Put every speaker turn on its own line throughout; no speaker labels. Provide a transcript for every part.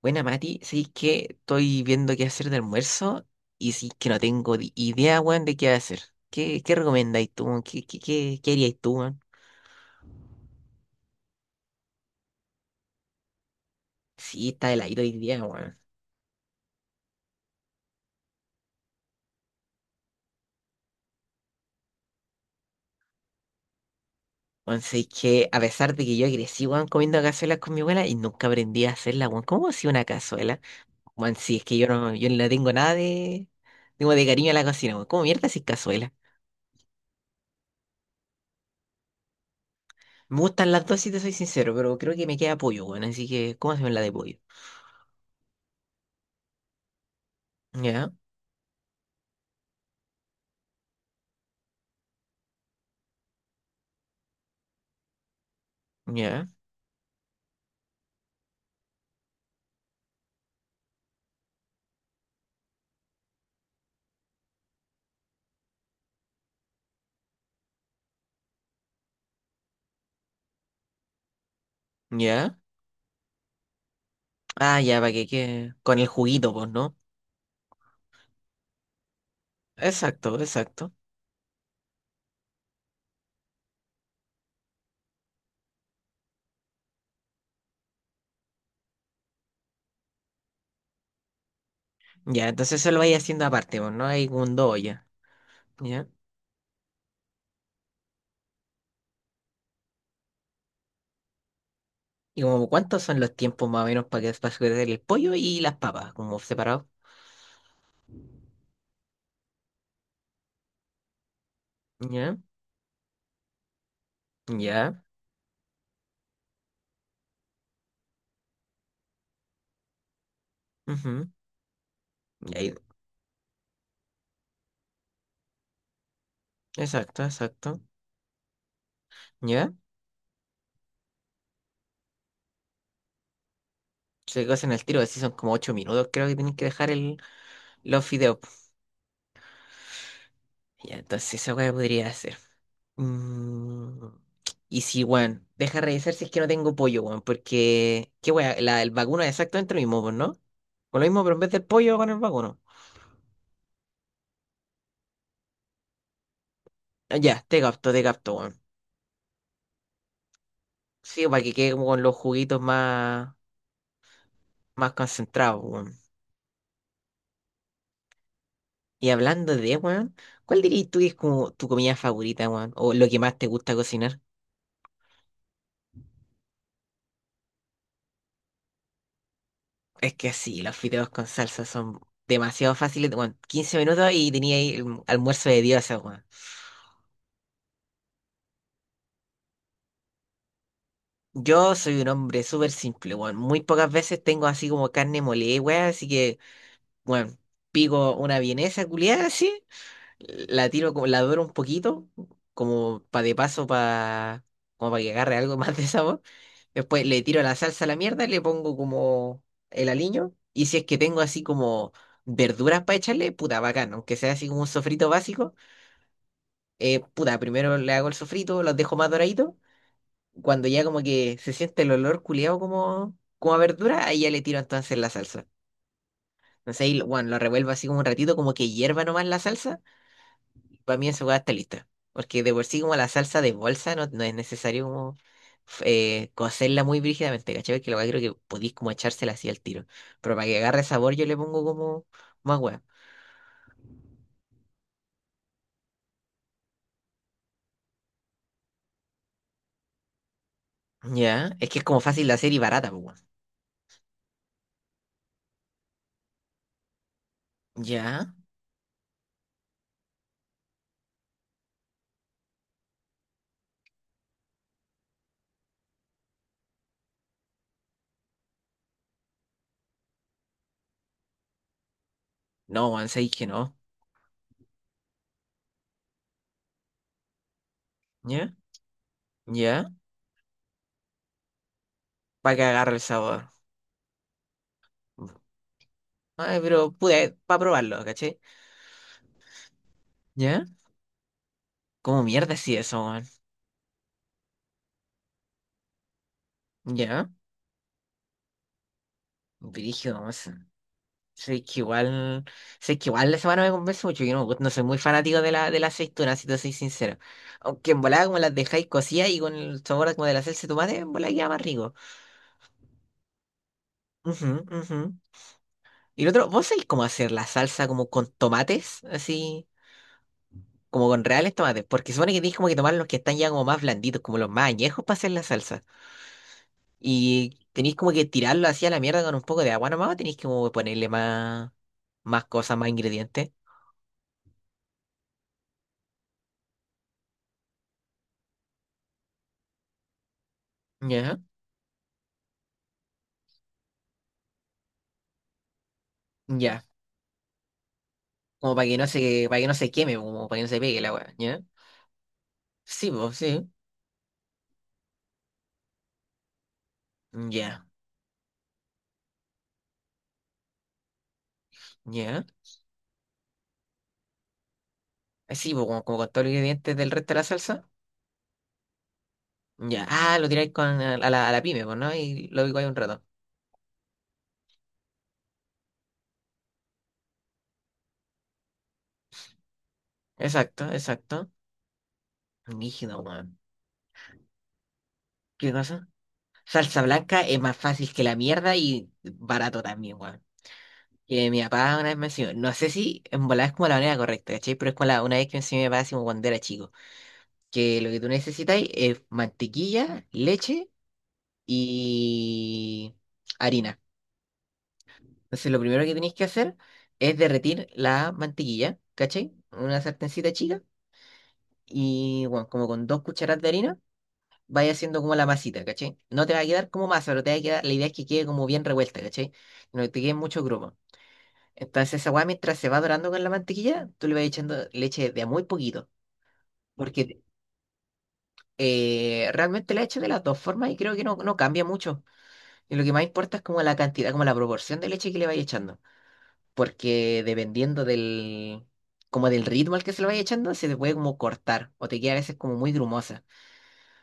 Buena, Mati, sí que estoy viendo qué hacer de almuerzo y sí que no tengo idea, weón, de qué hacer. ¿Qué recomendáis tú, weón? ¿Qué haríais tú, weón? Sí, está heladito hoy día, weón. Weón, sí que a pesar de que yo crecí, weón, comiendo cazuelas con mi abuela y nunca aprendí a hacerla, weón. ¿Cómo hacía una cazuela? Weón, sí, es que yo no le tengo nada de, digo, de cariño a la cocina, weón. ¿Cómo mierda haces cazuela? Me gustan las dos, si te soy sincero, pero creo que me queda pollo, weón. Así que, ¿cómo hacemos la de pollo? Ya, ya, ya. Ah, ya, para que quede con el juguito, pues, ¿no? Exacto, exacto. Ya, entonces eso lo vais haciendo aparte, pues, ¿no? Hay un do ya. ¿Ya? ¿Y como cuántos son los tiempos más o menos para que para hacer el pollo y las papas, como separados? ¿Ya? ¿Ya? Ujú, y ahí- Exacto, exacto. ¿Ya? Se cocen al tiro, así son como 8 minutos, creo que tienen que dejar el, los fideos. Pues. Ya, entonces esa weá podría hacer. Mm, y sí, weón, deja revisar si es que no tengo pollo, weón, porque, qué weón, la, el vacuno es exactamente lo mismo, pues, ¿no? Con lo mismo, pero en vez del pollo, con el vacuno. Ah, ya, te capto, weón. Sí, para que quede como con los juguitos más, más concentrados, weón. Y hablando de, weón, ¿cuál dirías tú que es como tu comida favorita, weón? O lo que más te gusta cocinar. Es que sí, los fideos con salsa son demasiado fáciles, weón. 15 minutos y tenía ahí el almuerzo de Dios, weón. Yo soy un hombre súper simple, weón. Muy pocas veces tengo así como carne molida, weón. Así que, bueno, pico una vienesa culiada así, la tiro, la doro un poquito, como para de paso, para como para que agarre algo más de sabor. Después le tiro la salsa a la mierda, le pongo como el aliño. Y si es que tengo así como verduras para echarle, puta, bacán. Aunque sea así como un sofrito básico, puta, primero le hago el sofrito, los dejo más doraditos cuando ya como que se siente el olor culeado como, a verdura, ahí ya le tiro entonces la salsa. Entonces ahí, bueno, lo revuelvo así como un ratito, como que hierva nomás la salsa, para mí esa hueá está lista. Porque de por sí como la salsa de bolsa no es necesario como cocerla muy brígidamente, ¿cachai? Que la hueá creo que podéis como echársela así al tiro. Pero para que agarre sabor yo le pongo como más hueá. Ya, es que es como fácil de hacer y barata, pues, weón. Ya, no, weón, sabéis que no. Ya, ya, para que agarre el sabor. Ay, pero pude, para probarlo, ¿cachai? ¿Ya? ¿Cómo mierda sí eso, weón? ¿Ya? Brígido, o sea, sé que igual, sé que igual la semana me convence mucho, yo no soy muy fanático de la, de las aceitunas, si te soy sincero. Aunque en volada como las dejáis cocidas y con el sabor como de la salsa de tomate, en volada queda más rico. Ujú, ujú. Y lo otro, ¿vos sabéis cómo hacer la salsa como con tomates? Así, como con reales tomates, porque supone que tienes como que tomar los que están ya como más blanditos, como los más añejos para hacer la salsa. Y tenéis como que tirarlo así a la mierda con un poco de agua nomás, o tenéis como que ponerle más, cosas, más ingredientes. Ya, ya. Como para que no se queme, como para que no se pegue la agua, ¿ya? Sí, pues, sí. Ya, ya. Sí, pues, como, como con todos los ingredientes del resto de la salsa. Ya. Ah, lo tiráis con, a la pyme, pues, ¿no? Y lo digo ahí un rato. Exacto, exacto. Rígido, weón. ¿Qué cosa? Salsa blanca es más fácil que la mierda y barato también, weón. Que mi papá una vez me enseñó, no sé si en volada es como la manera correcta, ¿cachai? Pero es como la, una vez que me enseñó mi papá, así como cuando era chico, que lo que tú necesitas es mantequilla, leche y harina. Entonces lo primero que tenéis que hacer es derretir la mantequilla, ¿cachai? En una sartencita chica y, bueno, como con 2 cucharadas de harina, vaya haciendo como la masita, ¿cachai? No te va a quedar como masa, pero te va a quedar, la idea es que quede como bien revuelta, ¿cachai? No te queden muchos grumos. Entonces esa weá mientras se va dorando con la mantequilla, tú le vas echando leche de a muy poquito, porque realmente la echo de las dos formas y creo que no cambia mucho. Y lo que más importa es como la cantidad, como la proporción de leche que le vais echando, porque dependiendo del, como del ritmo al que se lo vais echando, se te puede como cortar o te queda a veces como muy grumosa.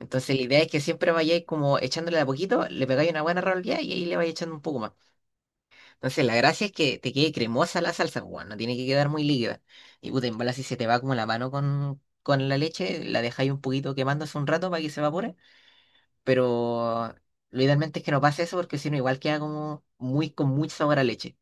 Entonces la idea es que siempre vayáis como echándole de a poquito, le pegáis una buena rolleada y ahí le vais echando un poco más. Entonces, la gracia es que te quede cremosa la salsa, pues, weón, no tiene que quedar muy líquida. Y puta, en bola, si se te va como la mano con, la leche, la dejáis un poquito quemándose un rato para que se evapore. Pero lo idealmente es que no pase eso, porque si no, igual queda como muy con mucho sabor a leche.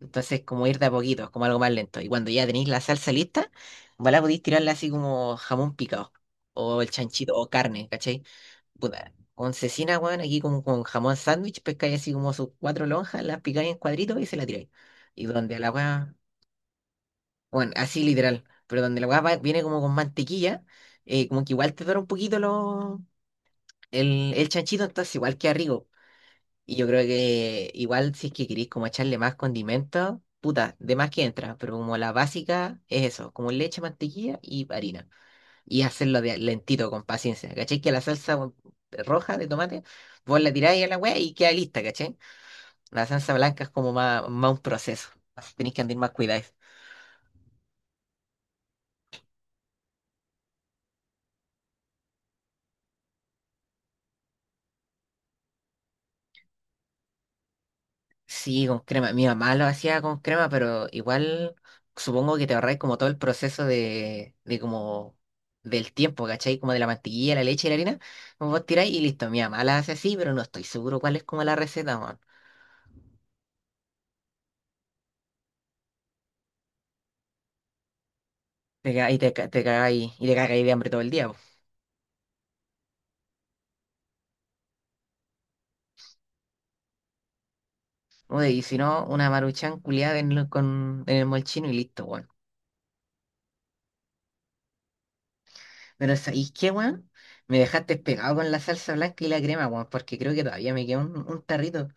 Entonces, como ir de a poquito, como algo más lento. Y cuando ya tenéis la salsa lista, en bola podéis tirarla así como jamón picado, o el chanchito, o carne, ¿cachai? Puta, oncecina, weón, aquí como con jamón sándwich, pescáis así como sus 4 lonjas, las picáis en cuadritos y se la tiráis. Y donde la weá, bueno, así literal, pero donde la weá viene como con mantequilla, como que igual te dura un poquito lo, el chanchito, entonces igual queda rico. Y yo creo que igual si es que queréis como echarle más condimentos, puta, de más que entra, pero como la básica es eso, como leche, mantequilla y harina y hacerlo de lentito, con paciencia. ¿Cachai? Que la salsa bueno, roja de tomate, vos la tiráis a la weá y queda lista, ¿cachai? La salsa blanca es como más, un proceso. Así tenéis que andar más cuidados. Sí, con crema. Mi mamá lo hacía con crema, pero igual supongo que te ahorráis como todo el proceso de como del tiempo, ¿cachai? Como de la mantequilla, la leche y la harina. Como vos tiráis y listo. Mi mamá la hace así, pero no estoy seguro cuál es como la receta, man. Y te cagáis y te cagáis de hambre todo el día. Uy, y si no, una maruchan culiada en, con, en el molchino y listo, weón. Pero ¿sabéis qué, weón? Me dejaste pegado con la salsa blanca y la crema, weón, porque creo que todavía me queda un tarrito.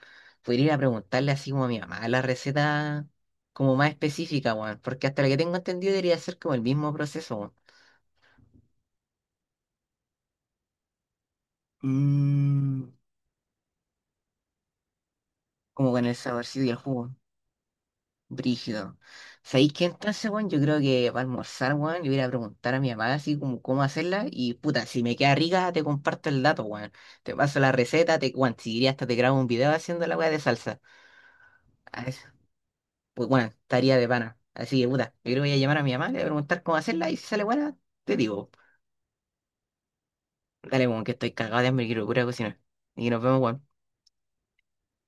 Podría ir a preguntarle así como a mi mamá la receta como más específica, weón, porque hasta lo que tengo entendido debería ser como el mismo proceso, weón. Mm, como con el saborcito y el jugo. Brígido. ¿Sabéis qué entonces, weón? Yo creo que para almorzar, weón, le voy a ir a preguntar a mi mamá así como cómo hacerla. Y puta, si me queda rica, te comparto el dato, weón. Te paso la receta, te, weón, si quería hasta te grabo un video haciendo la weá de salsa. A eso. Pues bueno, estaría de pana. Así que puta, yo creo que voy a llamar a mi mamá, le voy a preguntar cómo hacerla y si sale buena, te digo. Dale, weón, que estoy cagado de hambre y quiero pura cocinar. Y nos vemos, weón.